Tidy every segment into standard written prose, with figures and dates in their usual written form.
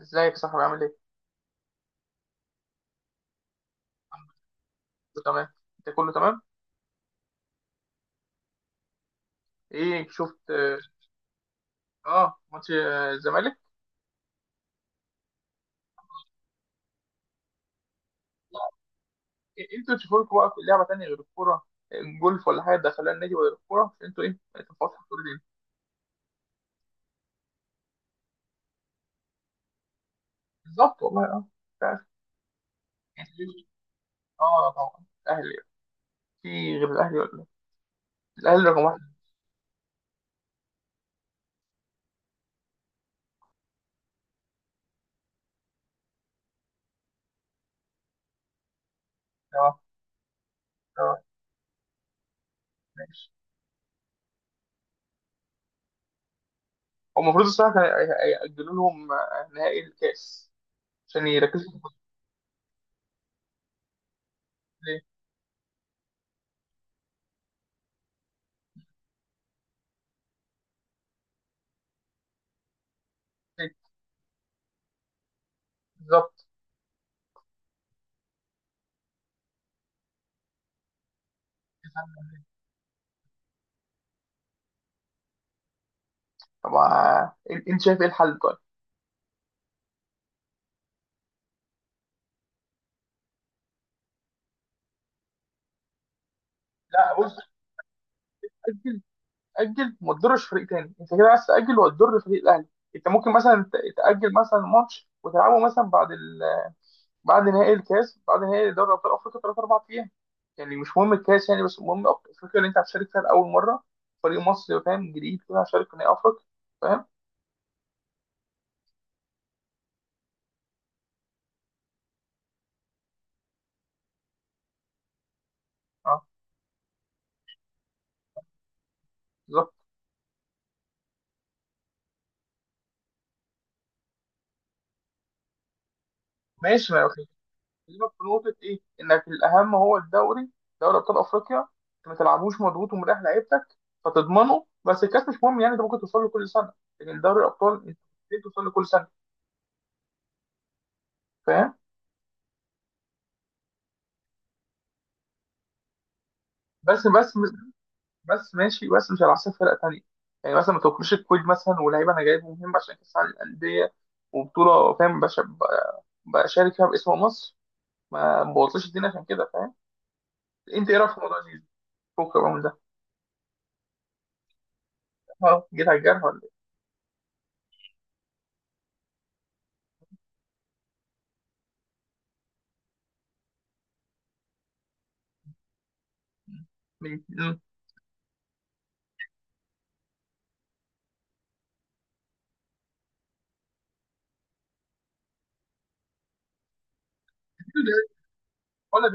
ازيك يا صاحبي، عامل ايه؟ كله تمام. انت كله تمام؟ ايه شفت؟ اه. ماتش الزمالك. إيه، انتوا تشوفوا لكم بقى في لعبه تانيه غير الكوره؟ إيه، جولف ولا حاجه، دخلها النادي ولا الكوره عشان انتوا ايه بقيتوا فاصل كل دي. بالظبط والله. اه. مش عارف. يعني ليه؟ اه طبعا الاهلي. في. غير الاهلي ولا إيه؟ الاهلي رقم واحد. اه. اه. ماشي. هو المفروض الصراحه كان يأجلوا لهم نهائي الكاس عشان يركزوا في الكورة. ليه؟ ليه؟ بالظبط. طب انت شايف ايه الحل طيب؟ لا. بص. اجل وما تضرش فريق تاني، انت كده عايز تاجل وهتضر فريق الاهلي. انت ممكن مثلا تاجل مثلا ماتش وتلعبه مثلا بعد نهائي الكاس، بعد نهائي دوري ابطال افريقيا 3 4 ايام. يعني مش مهم الكاس يعني، بس المهم افريقيا اللي انت هتشارك فيها لاول مره، فريق مصري فاهم جديد كده هشارك في نهائي افريقيا، فاهم. اه. بالظبط. ماشي ما، بكلمك في نقطة إيه؟ إنك الأهم هو الدوري، دوري أبطال أفريقيا، أنت ما تلعبوش مضغوط ومريح لعيبتك فتضمنه، بس الكاس مش مهم يعني، أنت ممكن توصل له كل سنة، لكن دوري الأبطال أنت مستحيل توصل له كل سنة، فاهم؟ بس بس بس ماشي، بس مش على حساب فرق تانية، يعني مثلا ما تاكلش الكويت مثلا ولاعيبة أنا جايبهم مهم عشان كأس العالم للأندية وبطولة، فاهم بشارك فيها باسم مصر، ما بوظش الدنيا عشان كده فاهم؟ أنت إيه رأيك في الموضوع ده؟ فكك بقى من ده. أه، جيت على الجرح ولا إيه؟ مم. ولا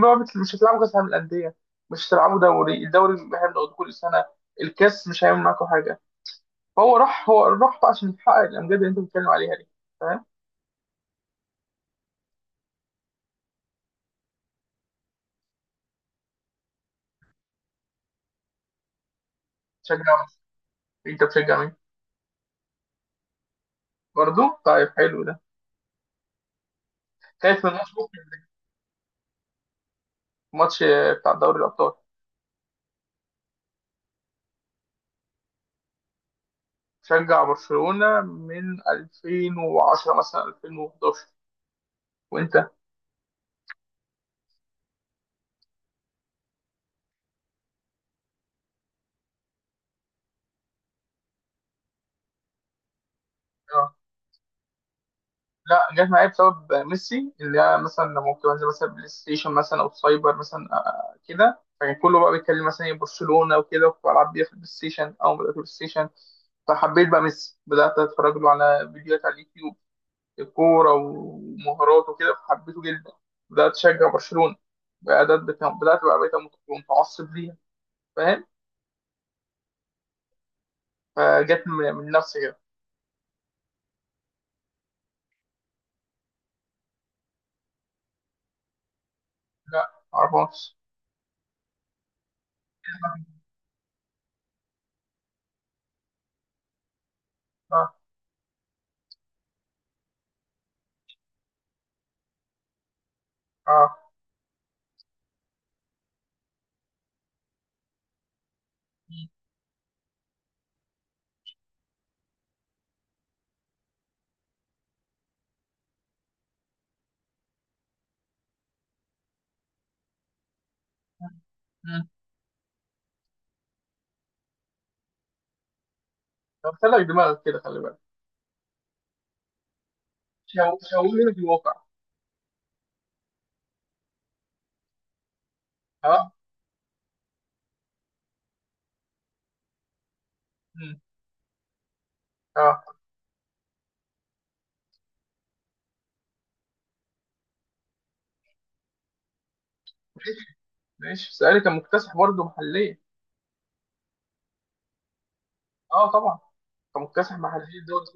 ما بت- مش هتلعبوا كاس عالم الانديه، مش هتلعبوا دوري، الدوري احنا بناخده كل سنه، الكاس مش هيعمل معاكم حاجه، فهو راح بقى عشان يحقق الامجاد اللي انت بتتكلم عليها دي، فاهم. تشجع مين؟ انت بتشجع مين؟ برضه طيب. حلو ده. خايف من ماتش بكرة؟ الماتش بتاع دوري الابطال. شجع برشلونه من 2010 مثلا 2011. وانت؟ لا، جت معايا بسبب ميسي، اللي هي مثلا لما كنت بنزل مثلا بلاي ستيشن مثلا او سايبر مثلا، كده، فكان كله بقى بيتكلم مثلا إيه برشلونه وكده، وكنت بلعب بيها في البلاي ستيشن او بدات بلاي ستيشن فحبيت بقى ميسي، بدات اتفرج له على فيديوهات على اليوتيوب، الكوره ومهارات وكده، فحبيته جدا، بدات اشجع برشلونه، بدات بتا- بدات بقى بقيت متعصب ليها. فاهم. فجت من نفسي كده. لا، معرفهاش. اه. اه. م- م. قلت لك دماغك كده، خلي بالك. شوهنا في الواقع. اه. مم. اه. ماشي. ماشي، بس الاهلي كان مكتسح برضه محليا. اه طبعا. كان مكتسح محليا دول.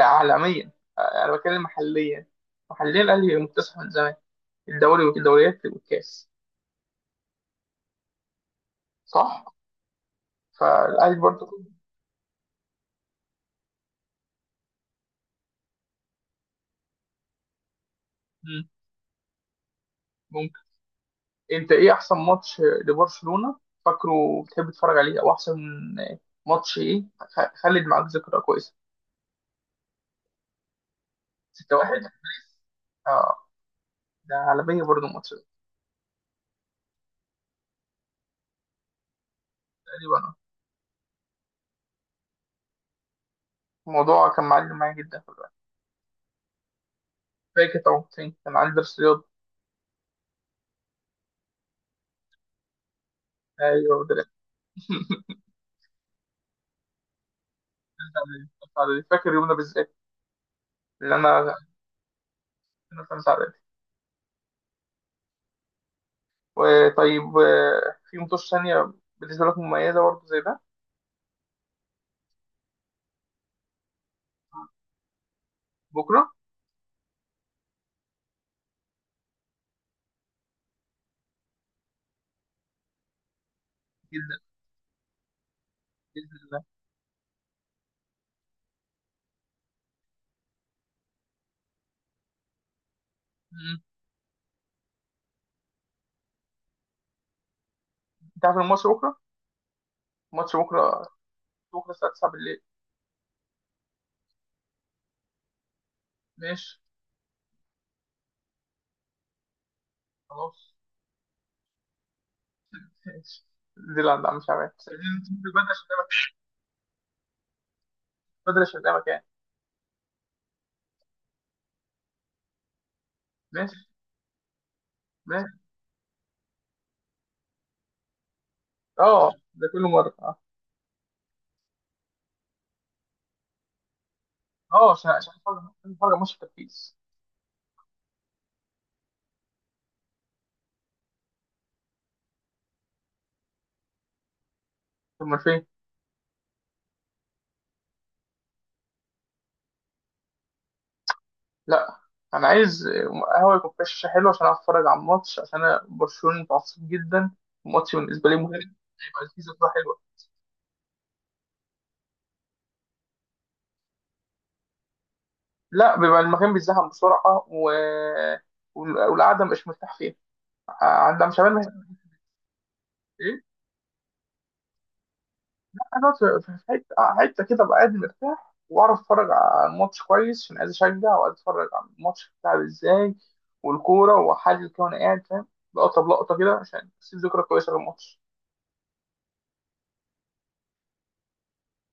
عالميا، انا بتكلم محليا، محليا الاهلي مكتسح من زمان، الدوري والدوريات والكاس. صح. فالاهلي برضه. مم. ممكن. انت ايه احسن ماتش لبرشلونة فاكره، بتحب تتفرج عليه، او احسن ماتش ايه خلد معاك ذكرى كويسة؟ 6-1. اه، ده عالمية برضه الماتش ده. تقريبا. الموضوع كان معلم معايا جدا. فاكر طبعا، حسين كان عندي درس رياضة. ايوه هو ده اللي. خمسة إعدادي. فاكر يومنا بالذات. اللي انا كنا في خمسة اعدادي. وطيب، في مطوش ثانية بالنسبة لك مميزة برضه زي ده؟ بكرة. جدا. بإذن الله. مم. أنت عارف الماتش بكرة؟ الماتش بكرة. بكرة الساعة 9 بالليل. ماشي. خلاص. ماشي. دي اللي عند عم شعبان، بس عايزين ننزل بدري عشان نعمل يعني. ماشي. ماشي. اه ده كل مرة. اه. عشان نتفرج على ماتش التركيز. طب ما فين؟ لا، انا عايز قهوه يكون فيها شاشه حلوه، عشان اعرف اتفرج على الماتش، عشان انا برشلونه متعصب جدا، الماتش بالنسبه لي مهم، هيبقى فيه ذكرى حلوه. لا، بيبقى المكان بيتزحم بسرعه والقعده مش مرتاح فيها عندها، مش عارف. ايه. انا في حته، حته كده ابقى قاعد مرتاح واعرف اتفرج على الماتش كويس، عشان عايز اشجع وعايز اتفرج على الماتش بتاعي ازاي والكوره، واحلل كده وانا قاعد فاهم، لقطه بلقطه كده عشان اسيب ذكرى كويسه للماتش.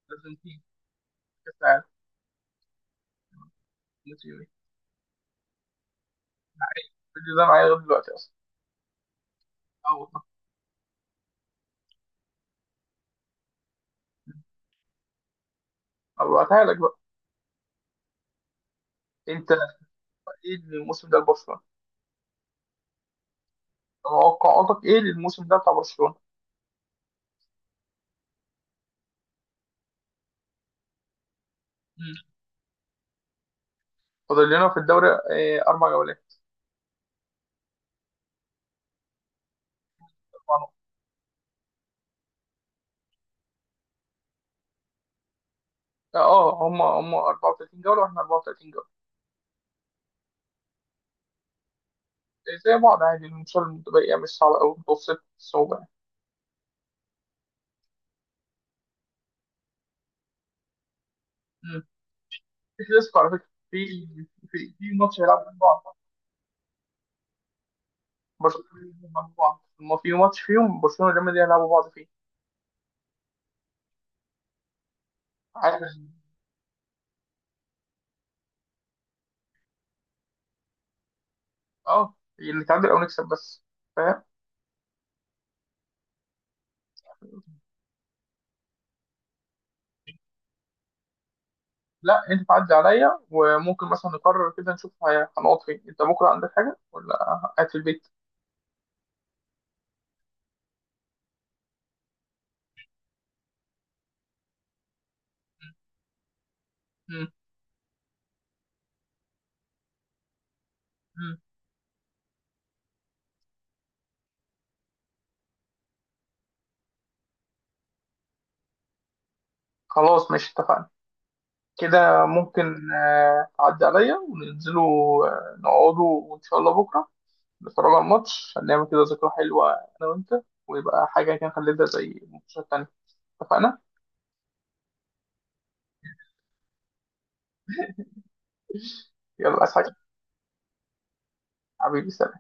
لازم تيجي. كاس العالم. الفيديو ده معايا لغايه دلوقتي اصلا. او. ابعتها لك بقى. انت ايه الموسم ده لبرشلونه؟ توقعاتك ايه للموسم ده بتاع برشلونه؟ مم. فاضل لنا في الدوري اربع جولات. اربع نقط. اه، هم 34 جوله واحنا 34 جوله. إيه، زي بعض عادي، الماتشات المتبقيه مش صعبه قوي، متوسط الصعوبه يعني. مم. في كلاسيكو على فكره. في ماتش هيلعبوا بعض. برشلونه هيلعبوا بعض، ما في ماتش فيهم برشلونه وريال مدريد هيلعبوا بعض فيه. عادي. اه، اللي نتعادل او نكسب بس، فاهم. لا، انت تعدي عليا، وممكن مثلا نقرر كده نشوف هنقعد فين، انت بكره عندك حاجه ولا قاعد في البيت؟ مم. مم. خلاص ماشي، اتفقنا كده. ممكن تعدي عليا وننزلوا، نقعدوا، وان شاء الله بكره نتفرج على الماتش، هنعمل كده ذكرى حلوه انا وانت، ويبقى حاجه كده نخلدها زي الماتشات التانيه. اتفقنا. يلا، عايز حاجه؟ حبيبي، سلام.